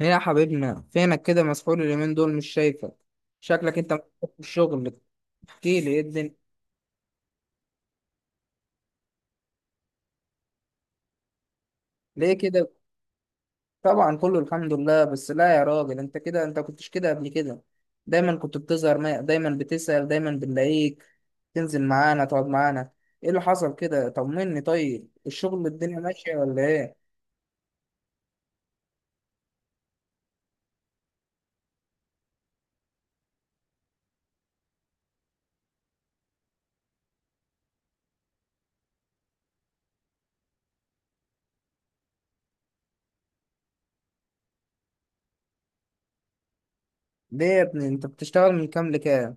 ايه يا حبيبنا فينك كده؟ مسحول اليومين دول، مش شايفك. شكلك انت مسحول في الشغل. احكي لي ايه الدنيا؟ ليه كده؟ طبعا كله الحمد لله، بس لا يا راجل، انت كده انت كنتش كده قبل كده. دايما كنت بتظهر ما... دايما بتسأل، دايما بنلاقيك تنزل معانا، تقعد معانا. ايه اللي حصل كده؟ طمني، طيب الشغل الدنيا ماشية ولا ايه؟ ليه يا ابني انت بتشتغل من كام لكام؟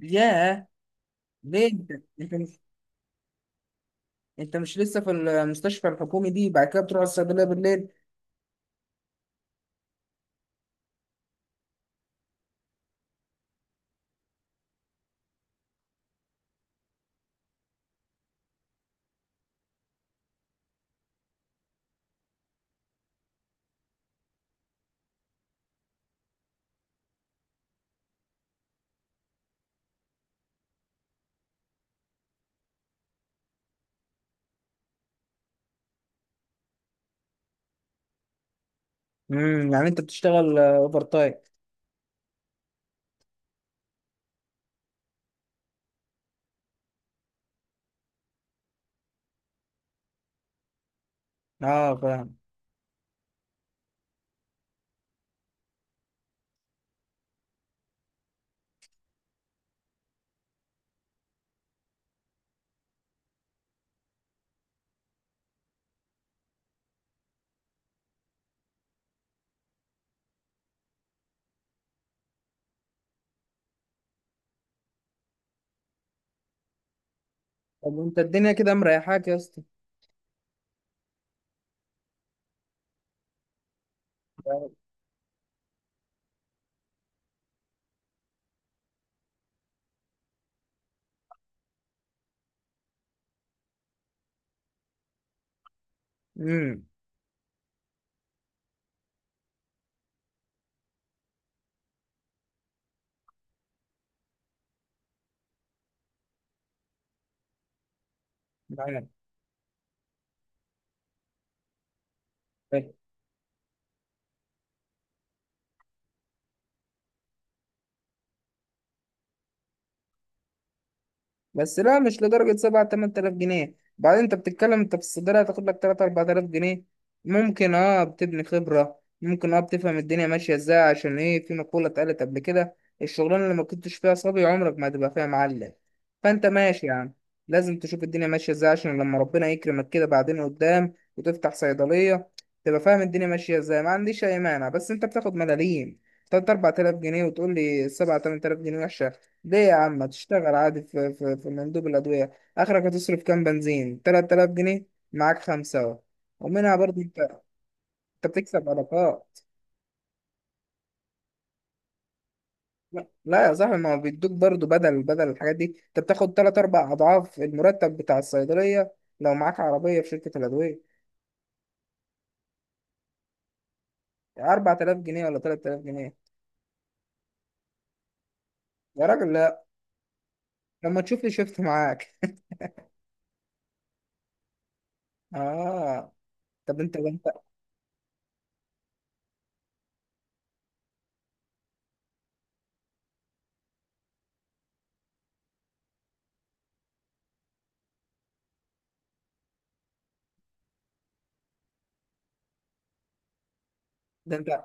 ياه، ليه انت؟ انت مش انت مش لسه في المستشفى الحكومي دي؟ بعد كده بتروح الصيدلية بالليل؟ يعني انت بتشتغل اوفر تايم؟ اه فاهم. طب وانت الدنيا كده مريحاك يا اسطى؟ امم معاك؟ بس لا، مش لدرجة سبعة تمن تلاف جنيه. بعدين انت بتتكلم، انت في الصيدلية هتاخد لك تلات أربعة تلاف جنيه. ممكن اه بتبني خبرة، ممكن اه بتفهم الدنيا ماشية ازاي. عشان ايه؟ في مقولة اتقالت قبل كده: الشغلانة اللي ما كنتش فيها صبي، عمرك ما هتبقى فيها معلم. فانت ماشي يعني، لازم تشوف الدنيا ماشية ازاي عشان لما ربنا يكرمك كده بعدين قدام وتفتح صيدلية، تبقى فاهم الدنيا ماشية ازاي. ما عنديش أي مانع، بس انت بتاخد ملاليم. تلات أربعة تلاف جنيه وتقول لي سبعة تمن تلاف جنيه وحشة؟ ليه يا عم ما تشتغل عادي في مندوب الأدوية. آخرك هتصرف كام بنزين؟ 3000 جنيه. معاك خمسة أهو، ومنها برضه أنت. أنت بتكسب علاقات. لا لا يا صاحبي، ما هو بيدوك برضه بدل الحاجات دي. أنت بتاخد تلات أربع أضعاف المرتب بتاع الصيدلية لو معاك عربية في شركة الأدوية. 4000 جنيه ولا 3000 جنيه؟ يا راجل لا. لما تشوف لي شفت معاك. آه، طب أنت ده أنت.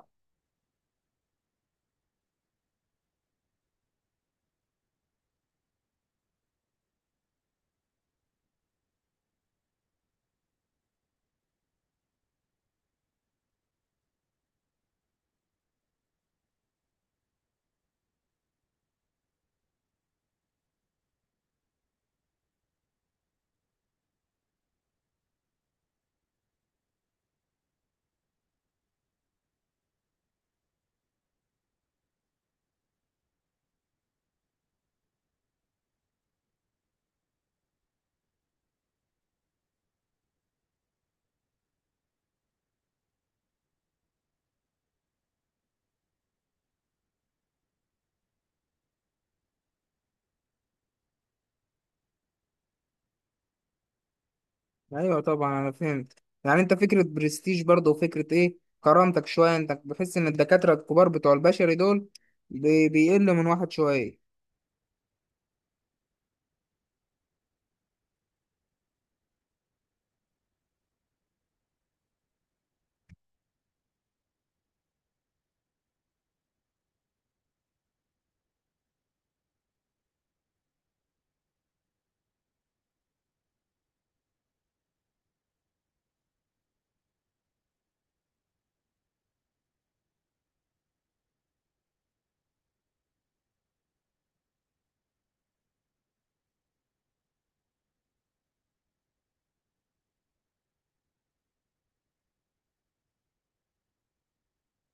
ايوه طبعا انا فهمت. يعني انت فكره برستيج برضه، وفكره ايه، كرامتك شويه. انت بحس ان الدكاتره الكبار بتوع البشري دول بيقل من واحد شويه.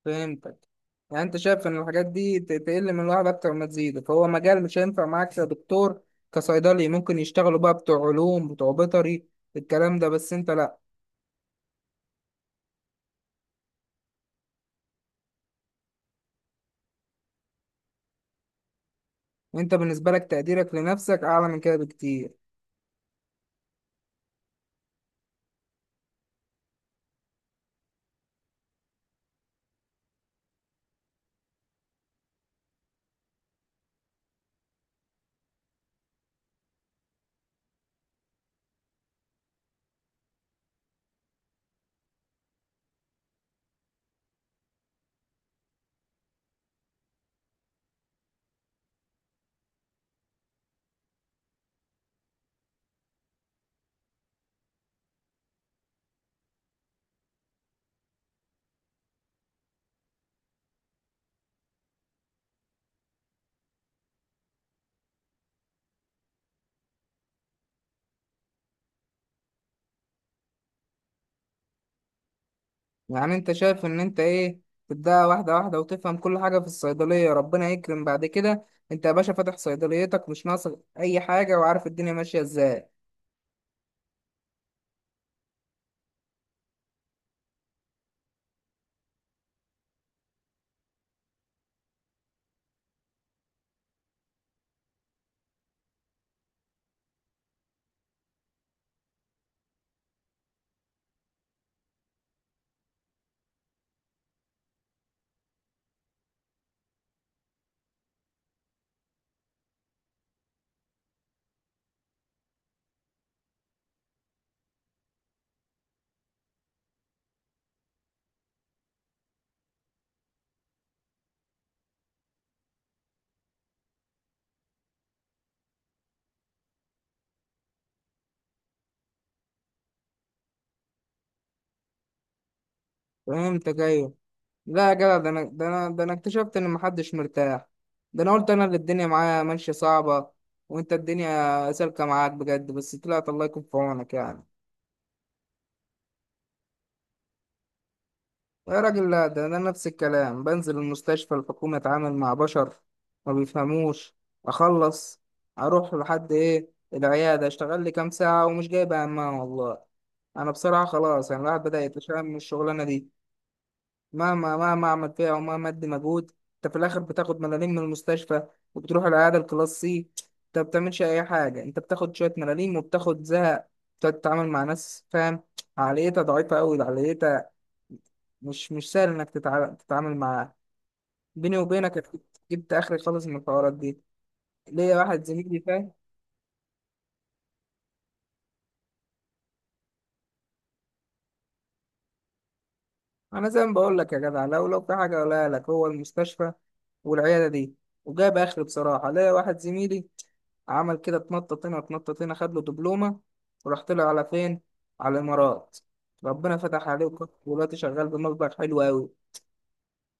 فهمتك. يعني انت شايف ان الحاجات دي تقل من الواحد اكتر ما تزيد، فهو مجال مش هينفع معاك كدكتور. كصيدلي ممكن يشتغلوا بقى بتوع علوم بتوع بيطري الكلام ده، بس انت لا. انت بالنسبه لك تقديرك لنفسك اعلى من كده بكتير. يعني انت شايف ان انت ايه؟ تبدأ واحدة واحدة وتفهم كل حاجة في الصيدلية، ربنا يكرم بعد كده انت يا باشا فاتح صيدليتك مش ناقصك اي حاجة وعارف الدنيا ماشية ازاي. فهمتك، ايوه. لا يا جدع، ده انا اكتشفت ان محدش مرتاح. ده انا قلت انا اللي الدنيا معايا ماشية صعبة، وانت الدنيا سالكة معاك بجد. بس طلعت الله يكون في عونك يعني. يا راجل لا، ده أنا نفس الكلام، بنزل المستشفى الحكومة أتعامل مع بشر ما بيفهموش، أخلص أروح لحد إيه العيادة، أشتغل لي كام ساعة، ومش جايب همها والله. أنا بصراحة خلاص يعني الواحد بدأ يتشائم من الشغلانة دي. مهما أعمل فيها ومهما أدي مجهود، أنت في الآخر بتاخد ملاليم من المستشفى، وبتروح العيادة الكلاس سي. أنت ما بتعملش أي حاجة، أنت بتاخد شوية ملاليم وبتاخد زهق. بتقعد تتعامل مع ناس فاهم عقليتها ضعيفة أوي. عقليتها مش سهل انك تتعامل معاه. بيني وبينك جبت، اخري خالص من الحوارات دي. ليا واحد زميلي فاهم. انا زي ما بقول لك يا جدع، لو في حاجه اقولها لك، هو المستشفى والعياده دي وجاب اخري بصراحه. ليا واحد زميلي عمل كده، اتنطط هنا اتنطط هنا، خد له دبلومه وراح طلع على فين؟ على الامارات. ربنا فتح عليه ودلوقتي شغال بمبلغ حلو قوي.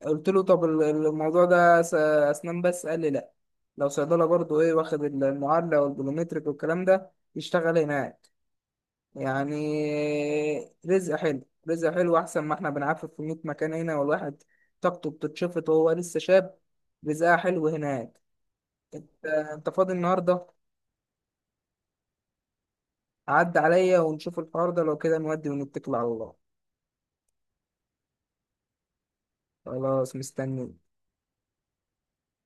قلت له طب الموضوع ده اسنان؟ بس قال لي لا، لو صيدله برضو ايه، واخد المعادله والبلومتريك والكلام ده يشتغل هناك يعني. رزق حلو. رزق حلو احسن ما احنا بنعفف في 100 مكان هنا، والواحد طاقته بتتشفط وهو لسه شاب. رزقها حلو هناك. انت، أنت فاضي النهارده؟ عدى عليا ونشوف الحوار ده، لو كده نودي ونتكل على الله. خلاص، مستني.